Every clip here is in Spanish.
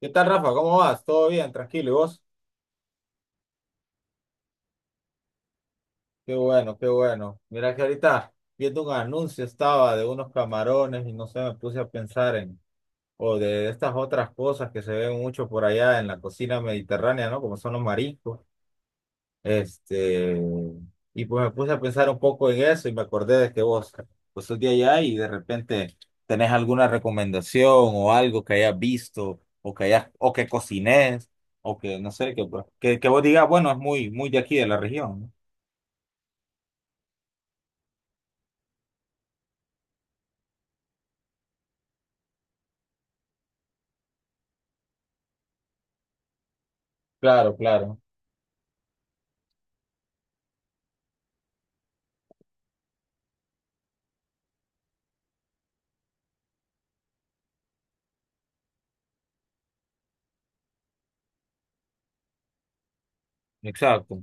¿Qué tal, Rafa? ¿Cómo vas? ¿Todo bien? ¿Tranquilo? ¿Y vos? Qué bueno, qué bueno. Mira que ahorita viendo un anuncio estaba de unos camarones y no sé, me puse a pensar en, o de estas otras cosas que se ven mucho por allá en la cocina mediterránea, ¿no? Como son los mariscos. Este, y pues me puse a pensar un poco en eso y me acordé de que vos, pues sos de allá y de repente tenés alguna recomendación o algo que hayas visto o que hayas, o que cocinés o que no sé, que, que vos digas, bueno, es muy, muy de aquí, de la región. ¿No? Claro, claro. Exacto.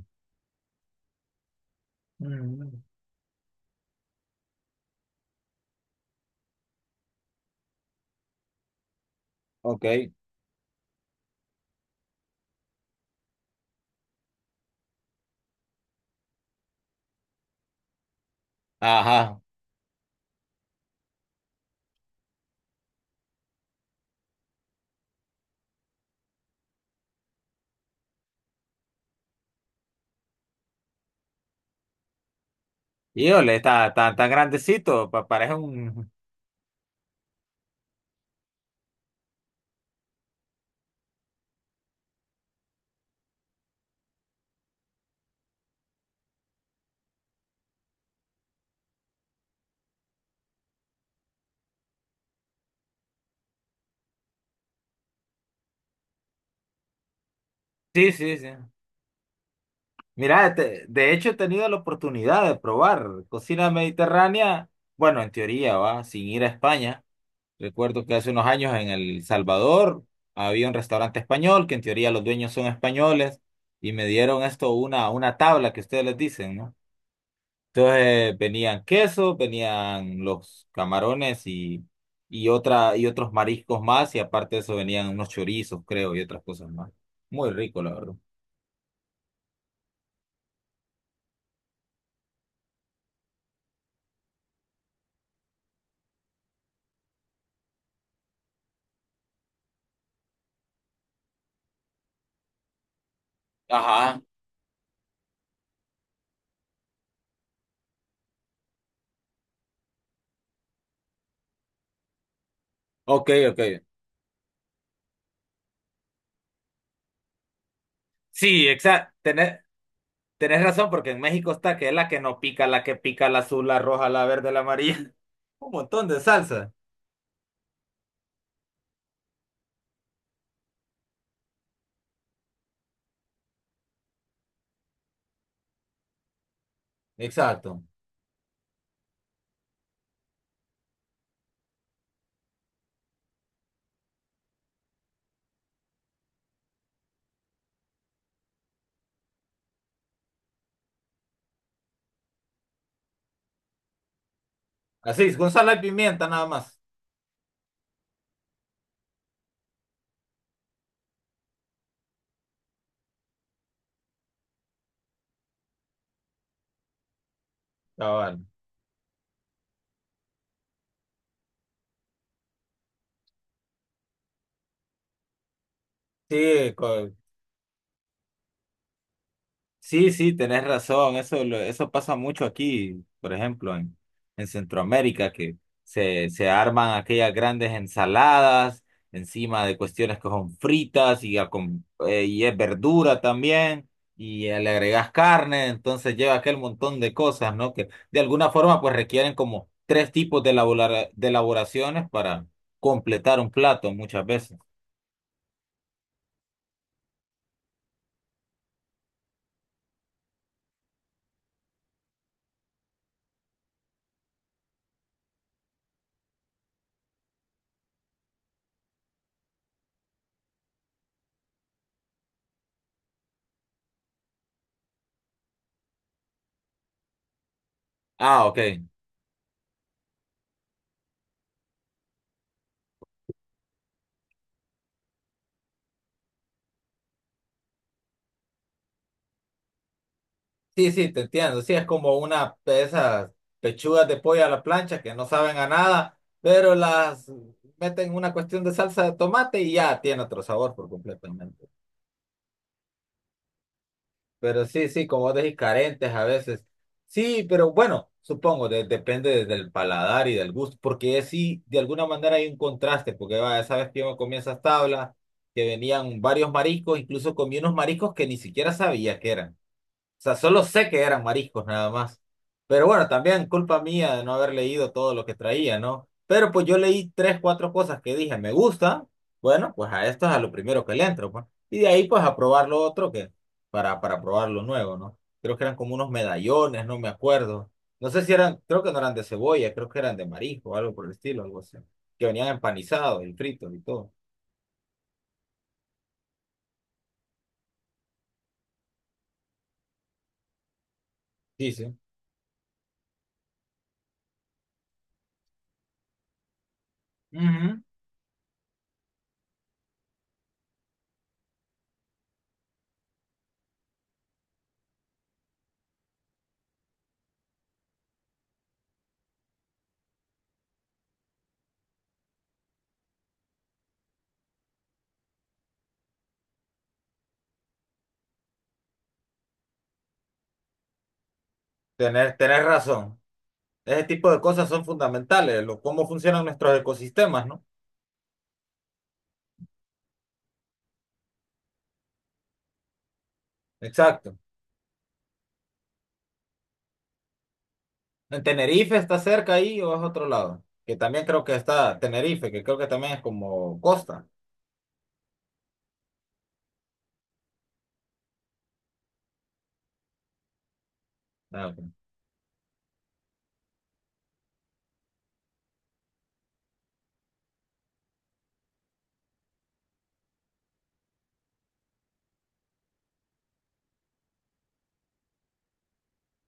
Mm. Ok. Ajá. Híjole, está tan, tan grandecito, parece un... Sí, sí, sí. Mira, de hecho he tenido la oportunidad de probar cocina mediterránea, bueno, en teoría, va, sin ir a España. Recuerdo que hace unos años en El Salvador había un restaurante español, que en teoría los dueños son españoles, y me dieron esto, una tabla que ustedes les dicen, ¿no? Entonces venían queso, venían los camarones y, otra, y otros mariscos más, y aparte de eso venían unos chorizos, creo, y otras cosas más. Muy rico, la verdad. Ajá. Ok, ok. Sí, exacto. Tenés, tenés razón, porque en México está que es la que no pica, la que pica, la azul, la roja, la verde, la amarilla. Un montón de salsa. Exacto. Así es, con sal y pimienta nada más. Cabal. Sí, co- Sí, sí, tenés razón, eso, eso pasa mucho aquí, por ejemplo, en Centroamérica, que se arman aquellas grandes ensaladas encima de cuestiones que son fritas y, y es verdura también, y le agregás carne, entonces lleva aquel montón de cosas, ¿no? Que de alguna forma pues requieren como tres tipos de de elaboraciones para completar un plato muchas veces. Ah, ok. Sí, sí, te entiendo. Sí, es como una de esas pechugas de pollo a la plancha que no saben a nada, pero las meten una cuestión de salsa de tomate y ya tiene otro sabor por completamente. Pero sí, sí, como vos decís, carentes a veces. Sí, pero bueno, supongo, depende del paladar y del gusto, porque sí, de alguna manera hay un contraste, porque vaya, sabes que yo me comí esas tablas que venían varios mariscos, incluso comí unos mariscos que ni siquiera sabía que eran. O sea, solo sé que eran mariscos nada más. Pero bueno, también culpa mía de no haber leído todo lo que traía, ¿no? Pero pues yo leí tres, cuatro cosas que dije, me gusta, bueno, pues a esto es a lo primero que le entro, pues. Y de ahí pues a probar lo otro que, para probar lo nuevo, ¿no? Creo que eran como unos medallones, no me acuerdo. No sé si eran, creo que no eran de cebolla, creo que eran de marisco o algo por el estilo, algo así. Que venían empanizados y fritos y todo. Sí, sí. Ujú. Tener, tenés razón. Ese tipo de cosas son fundamentales, lo, cómo funcionan nuestros ecosistemas, ¿no? Exacto. En Tenerife está cerca ahí o es otro lado, que también creo que está Tenerife, que creo que también es como costa. Ah, ok.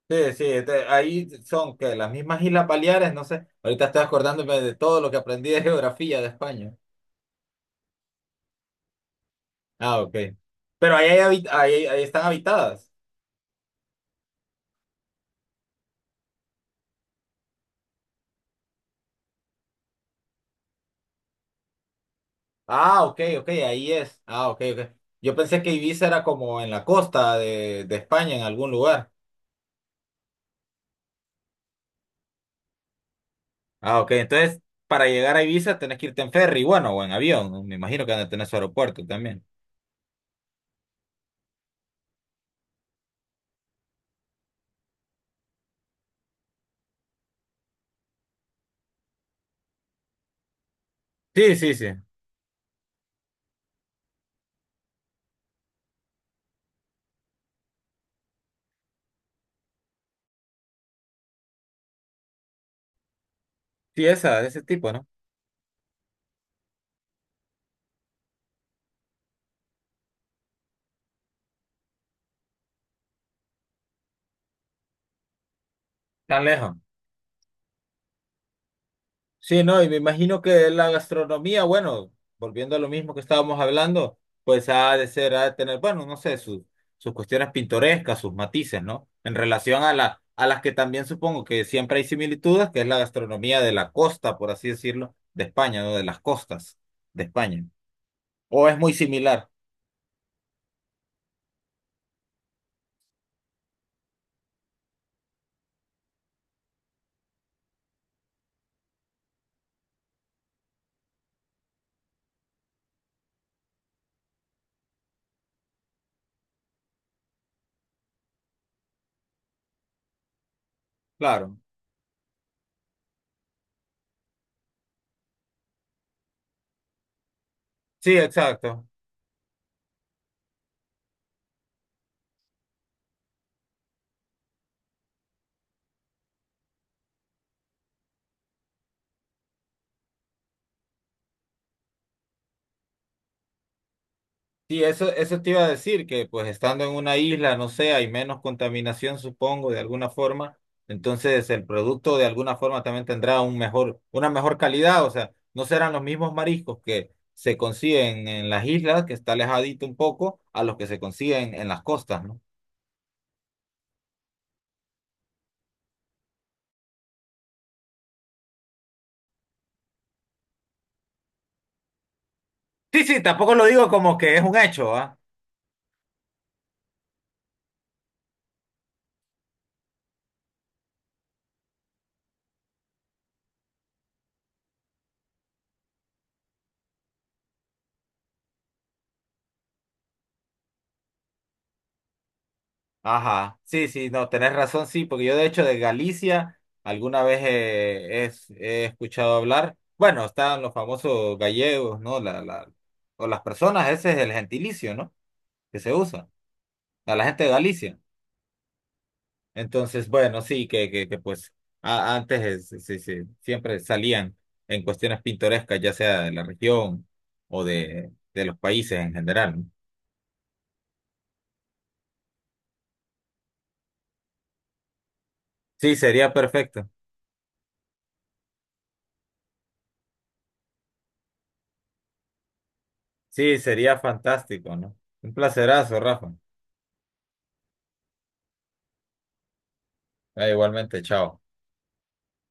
Sí, sí, este, ahí son que las mismas Islas Baleares, no sé, ahorita estoy acordándome de todo lo que aprendí de geografía de España. Ah, ok. Pero ahí, ahí, ahí están habitadas. Ah, ok, ok, ahí es. Ah, ok, ok. Yo pensé que Ibiza era como en la costa de España, en algún lugar. Ah, ok. Entonces, para llegar a Ibiza tenés que irte en ferry, bueno, o en avión. ¿No? Me imagino que van a tener su aeropuerto también. Sí, sí, sí. Sí, esa, de ese tipo, ¿no? Tan lejos. Sí, no, y me imagino que la gastronomía, bueno, volviendo a lo mismo que estábamos hablando, pues ha de ser, ha de tener, bueno, no sé, sus, sus cuestiones pintorescas, sus matices, ¿no? En relación a la, a las que también supongo que siempre hay similitudes, que es la gastronomía de la costa, por así decirlo, de España, ¿no? De las costas de España. O es muy similar, claro. Sí, exacto. Sí, eso te iba a decir, que pues estando en una isla, no sé, hay menos contaminación, supongo, de alguna forma. Entonces el producto de alguna forma también tendrá un mejor, una mejor calidad. O sea, no serán los mismos mariscos que se consiguen en las islas, que está alejadito un poco, a los que se consiguen en las costas, ¿no? Sí, sí, tampoco lo digo como que es un hecho, ¿ah? Ajá, sí, sí, no, tenés razón, sí, porque yo de hecho de Galicia alguna vez escuchado hablar, bueno, están los famosos gallegos, ¿no? La, o las personas, ese es el gentilicio, ¿no? Que se usa, a la gente de Galicia. Entonces, bueno, sí, que pues antes sí, sí, siempre salían en cuestiones pintorescas, ya sea de la región o de los países en general, ¿no? Sí, sería perfecto, sí, sería fantástico, ¿no? Un placerazo, Rafa. Ah, igualmente, chao.